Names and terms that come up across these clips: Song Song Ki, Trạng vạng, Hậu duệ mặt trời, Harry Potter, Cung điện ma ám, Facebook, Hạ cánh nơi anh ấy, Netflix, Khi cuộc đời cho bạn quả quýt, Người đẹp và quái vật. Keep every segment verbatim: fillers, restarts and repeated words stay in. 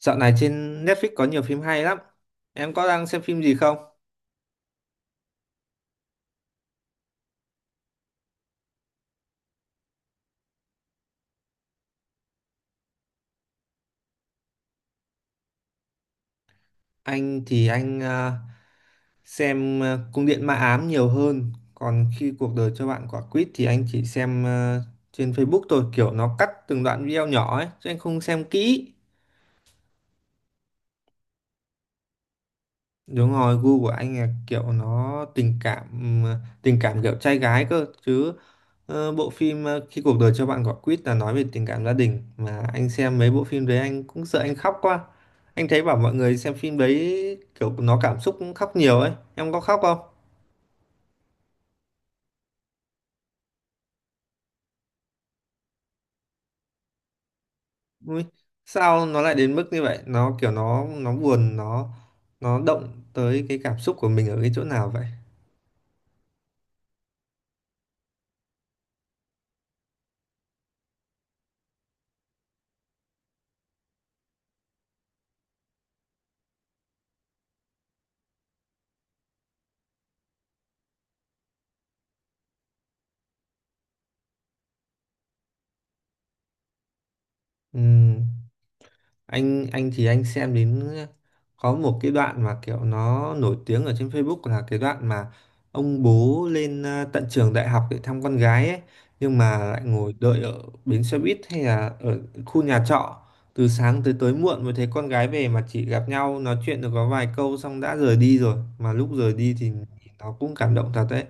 Dạo này trên Netflix có nhiều phim hay lắm. Em có đang xem phim gì không? Anh thì anh ờ, xem ờ, Cung điện ma ám nhiều hơn. Còn khi cuộc đời cho bạn quả quýt thì anh chỉ xem ờ, trên Facebook thôi. Kiểu nó cắt từng đoạn video nhỏ ấy. Chứ anh không xem kỹ. Đúng rồi, gu của anh là kiểu nó tình cảm ừm, tình cảm kiểu trai gái cơ chứ. Ờ, bộ phim ờ, Khi cuộc đời cho bạn quả quýt là nói về tình cảm gia đình, mà anh xem mấy bộ phim đấy anh cũng sợ anh khóc quá. Anh thấy bảo mọi người xem phim đấy kiểu nó cảm xúc cũng khóc nhiều ấy. Em có khóc không? Ui, sao nó lại đến mức như vậy? Nó kiểu nó nó buồn, nó nó động tới cái cảm xúc của mình ở cái chỗ nào vậy? Ừ. anh anh thì anh xem đến có một cái đoạn mà kiểu nó nổi tiếng ở trên Facebook là cái đoạn mà ông bố lên à, tận trường đại học để thăm con gái ấy, nhưng mà lại ngồi đợi ở bến xe buýt hay là ở khu nhà trọ từ sáng tới tối muộn mới thấy con gái về, mà chỉ gặp nhau nói chuyện được có vài câu xong đã rời đi rồi, mà lúc rời đi thì nó cũng cảm động thật đấy.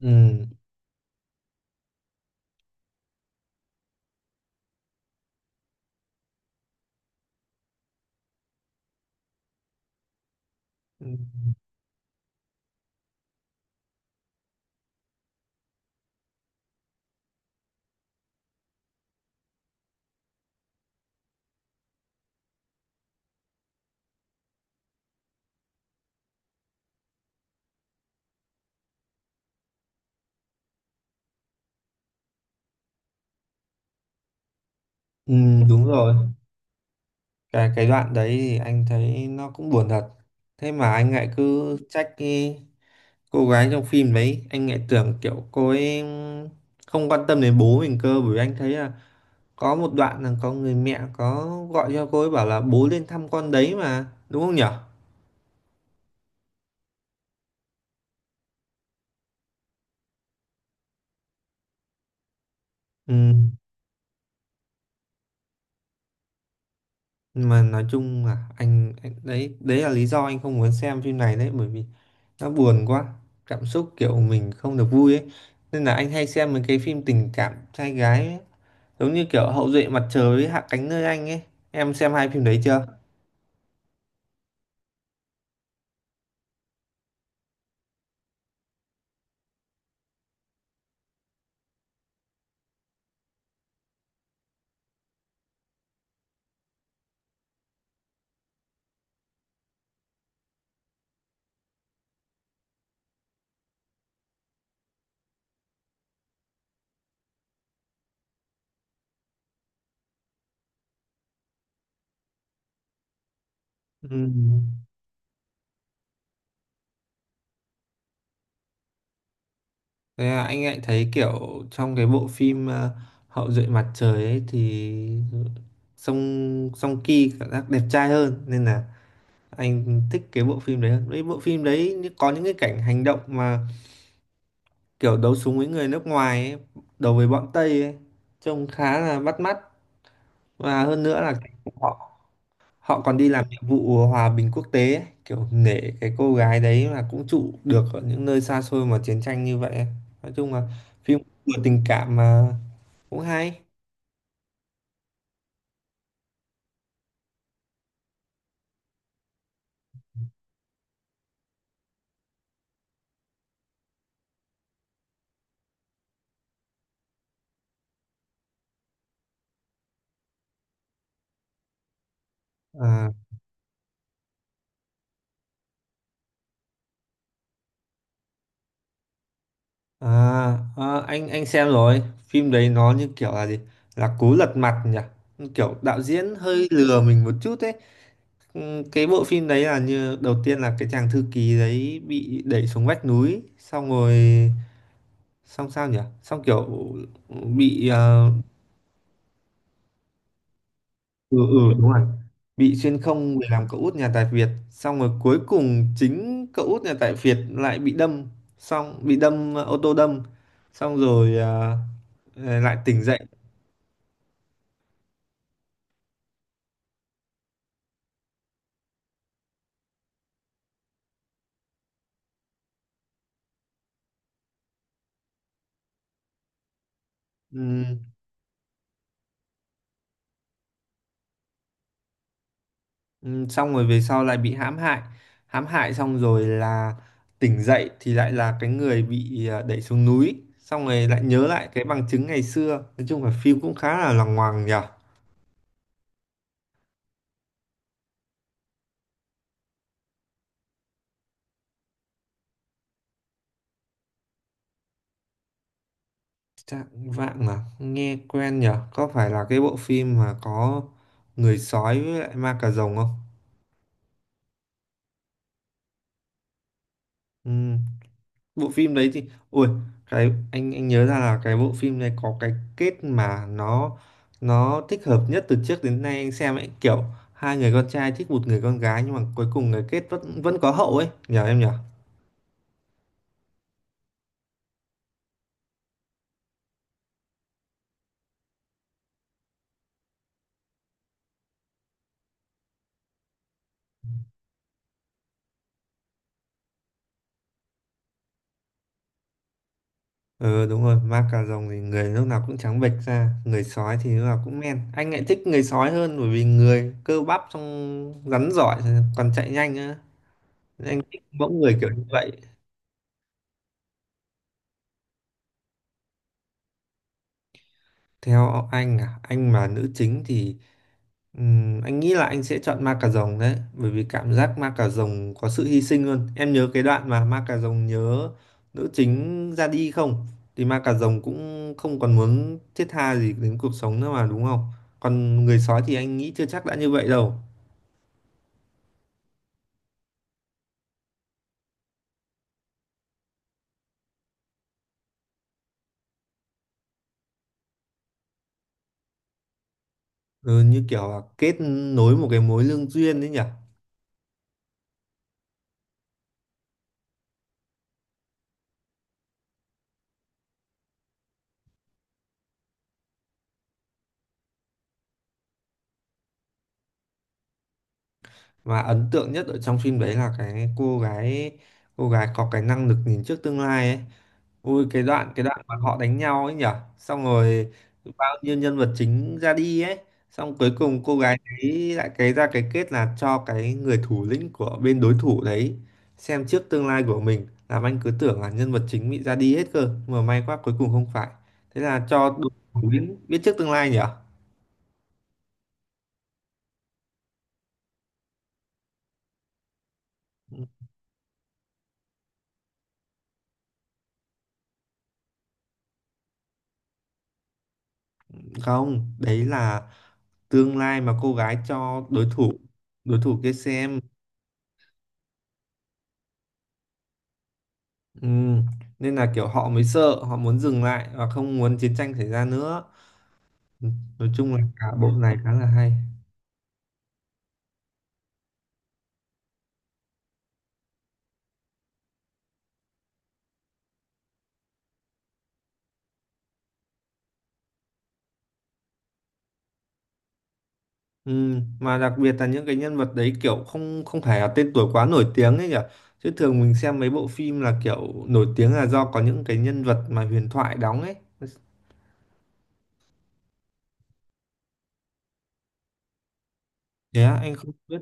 ừ, ừ ừ, Đúng rồi, cái cái đoạn đấy thì anh thấy nó cũng buồn thật. Thế mà anh lại cứ trách cái cô gái trong phim đấy, anh lại tưởng kiểu cô ấy không quan tâm đến bố mình cơ, bởi vì anh thấy là có một đoạn là có người mẹ có gọi cho cô ấy bảo là bố lên thăm con đấy mà, đúng không nhở? Ừ. Mà nói chung là anh, anh đấy đấy là lý do anh không muốn xem phim này đấy, bởi vì nó buồn quá, cảm xúc kiểu mình không được vui ấy, nên là anh hay xem mấy cái phim tình cảm trai gái ấy. Giống như kiểu Hậu duệ mặt trời với Hạ cánh nơi anh ấy, em xem hai phim đấy chưa? Ừ. Thế là anh lại thấy kiểu trong cái bộ phim ờ, Hậu duệ mặt trời ấy thì Song Song Ki cảm giác đẹp trai hơn, nên là anh thích cái bộ phim đấy hơn. Với bộ phim đấy như- có những cái cảnh hành động mà kiểu đấu súng với người nước ngoài ấy, đấu với bọn Tây ấy, trông khá là bắt mắt. Và hơn nữa là cảnh họ họ còn đi làm nhiệm vụ hòa bình quốc tế ấy, kiểu nể cái cô gái đấy mà cũng trụ được ở những nơi xa xôi mà chiến tranh như vậy. Nói chung là phim vừa tình cảm mà cũng hay. à, à, À, anh anh xem rồi. Phim đấy nó như kiểu là gì, là cú lật mặt nhỉ, kiểu đạo diễn hơi lừa mình một chút ấy. Ừ, cái bộ phim đấy là như đầu tiên là cái chàng thư ký đấy bị đẩy xuống vách núi xong rồi, xong sao nhỉ, xong kiểu bị ờ, ừ ừ đúng rồi, bị xuyên không để làm cậu út nhà tài phiệt, xong rồi cuối cùng chính cậu út nhà tài phiệt lại bị đâm, xong bị đâm ờ, ô tô đâm, xong rồi ờ, ờ, lại tỉnh dậy. Ừm, ừm, Xong rồi về sau lại bị hãm hại, hãm hại xong rồi là tỉnh dậy thì lại là cái người bị ờ, đẩy xuống núi, xong rồi lại nhớ lại cái bằng chứng ngày xưa. Nói chung là phim cũng khá là lằng ngoằng nhỉ. Trạng vạng à? Nghe quen nhở? Có phải là cái bộ phim mà có người sói với lại ma cà rồng không? Ừ. Bộ phim đấy thì... Ui, cái anh anh nhớ ra là cái bộ phim này có cái kết mà nó nó thích hợp nhất từ trước đến nay anh xem ấy. Kiểu hai người con trai thích một người con gái nhưng mà cuối cùng cái kết vẫn vẫn có hậu ấy. Nhờ em nhở? Ừ đúng rồi, ma cà rồng thì người lúc nào cũng trắng bệch ra, người sói thì lúc nào cũng men. Anh lại thích người sói hơn, bởi vì người cơ bắp xong rắn giỏi, còn chạy nhanh á. Anh thích mẫu người kiểu như vậy. Theo anh à, anh mà nữ chính thì ừm, anh nghĩ là anh sẽ chọn ma cà rồng đấy, bởi vì cảm giác ma cà rồng có sự hy sinh. Luôn em nhớ cái đoạn mà ma cà rồng nhớ nữ chính ra đi không, thì ma cà rồng cũng không còn muốn thiết tha gì đến cuộc sống nữa mà, đúng không? Còn người sói thì anh nghĩ chưa chắc đã như vậy đâu. Ừ, như kiểu là kết nối một cái mối lương duyên đấy nhỉ. Và ấn tượng nhất ở trong phim đấy là cái cô gái, cô gái có cái năng lực nhìn trước tương lai ấy. Ui, cái đoạn, cái đoạn mà họ đánh nhau ấy nhở, xong rồi bao nhiêu nhân vật chính ra đi ấy, xong cuối cùng cô gái ấy lại cái ra cái kết là cho cái người thủ lĩnh của bên đối thủ đấy xem trước tương lai của mình, làm anh cứ tưởng là nhân vật chính bị ra đi hết cơ, mà may quá cuối cùng không phải. Thế là cho đối thủ lĩnh biết trước tương lai nhở. Không, đấy là tương lai mà cô gái cho đối thủ, đối thủ kia xem. Ừ, nên là kiểu họ mới sợ, họ muốn dừng lại và không muốn chiến tranh xảy ra nữa. Ừ, nói chung là cả bộ này khá là hay. Ừ, mà đặc biệt là những cái nhân vật đấy kiểu không không phải là tên tuổi quá nổi tiếng ấy nhỉ, chứ thường mình xem mấy bộ phim là kiểu nổi tiếng là do có những cái nhân vật mà huyền thoại đóng ấy. Thế á, anh không biết.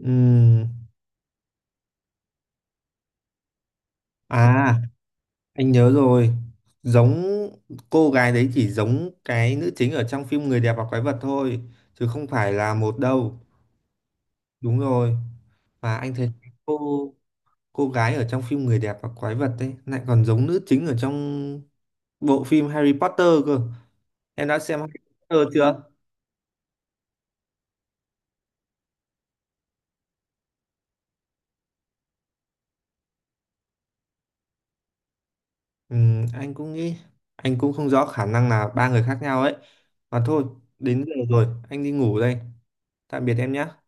Ừ. À, anh nhớ rồi, giống cô gái đấy chỉ giống cái nữ chính ở trong phim Người đẹp và quái vật thôi, chứ không phải là một đâu. Đúng rồi. Và anh thấy cô cô gái ở trong phim Người đẹp và quái vật ấy lại còn giống nữ chính ở trong bộ phim Harry Potter cơ. Em đã xem Harry Potter chưa? Ừ, anh cũng nghĩ, anh cũng không rõ, khả năng là ba người khác nhau ấy. Mà thôi, đến giờ rồi anh đi ngủ đây. Tạm biệt em nhé.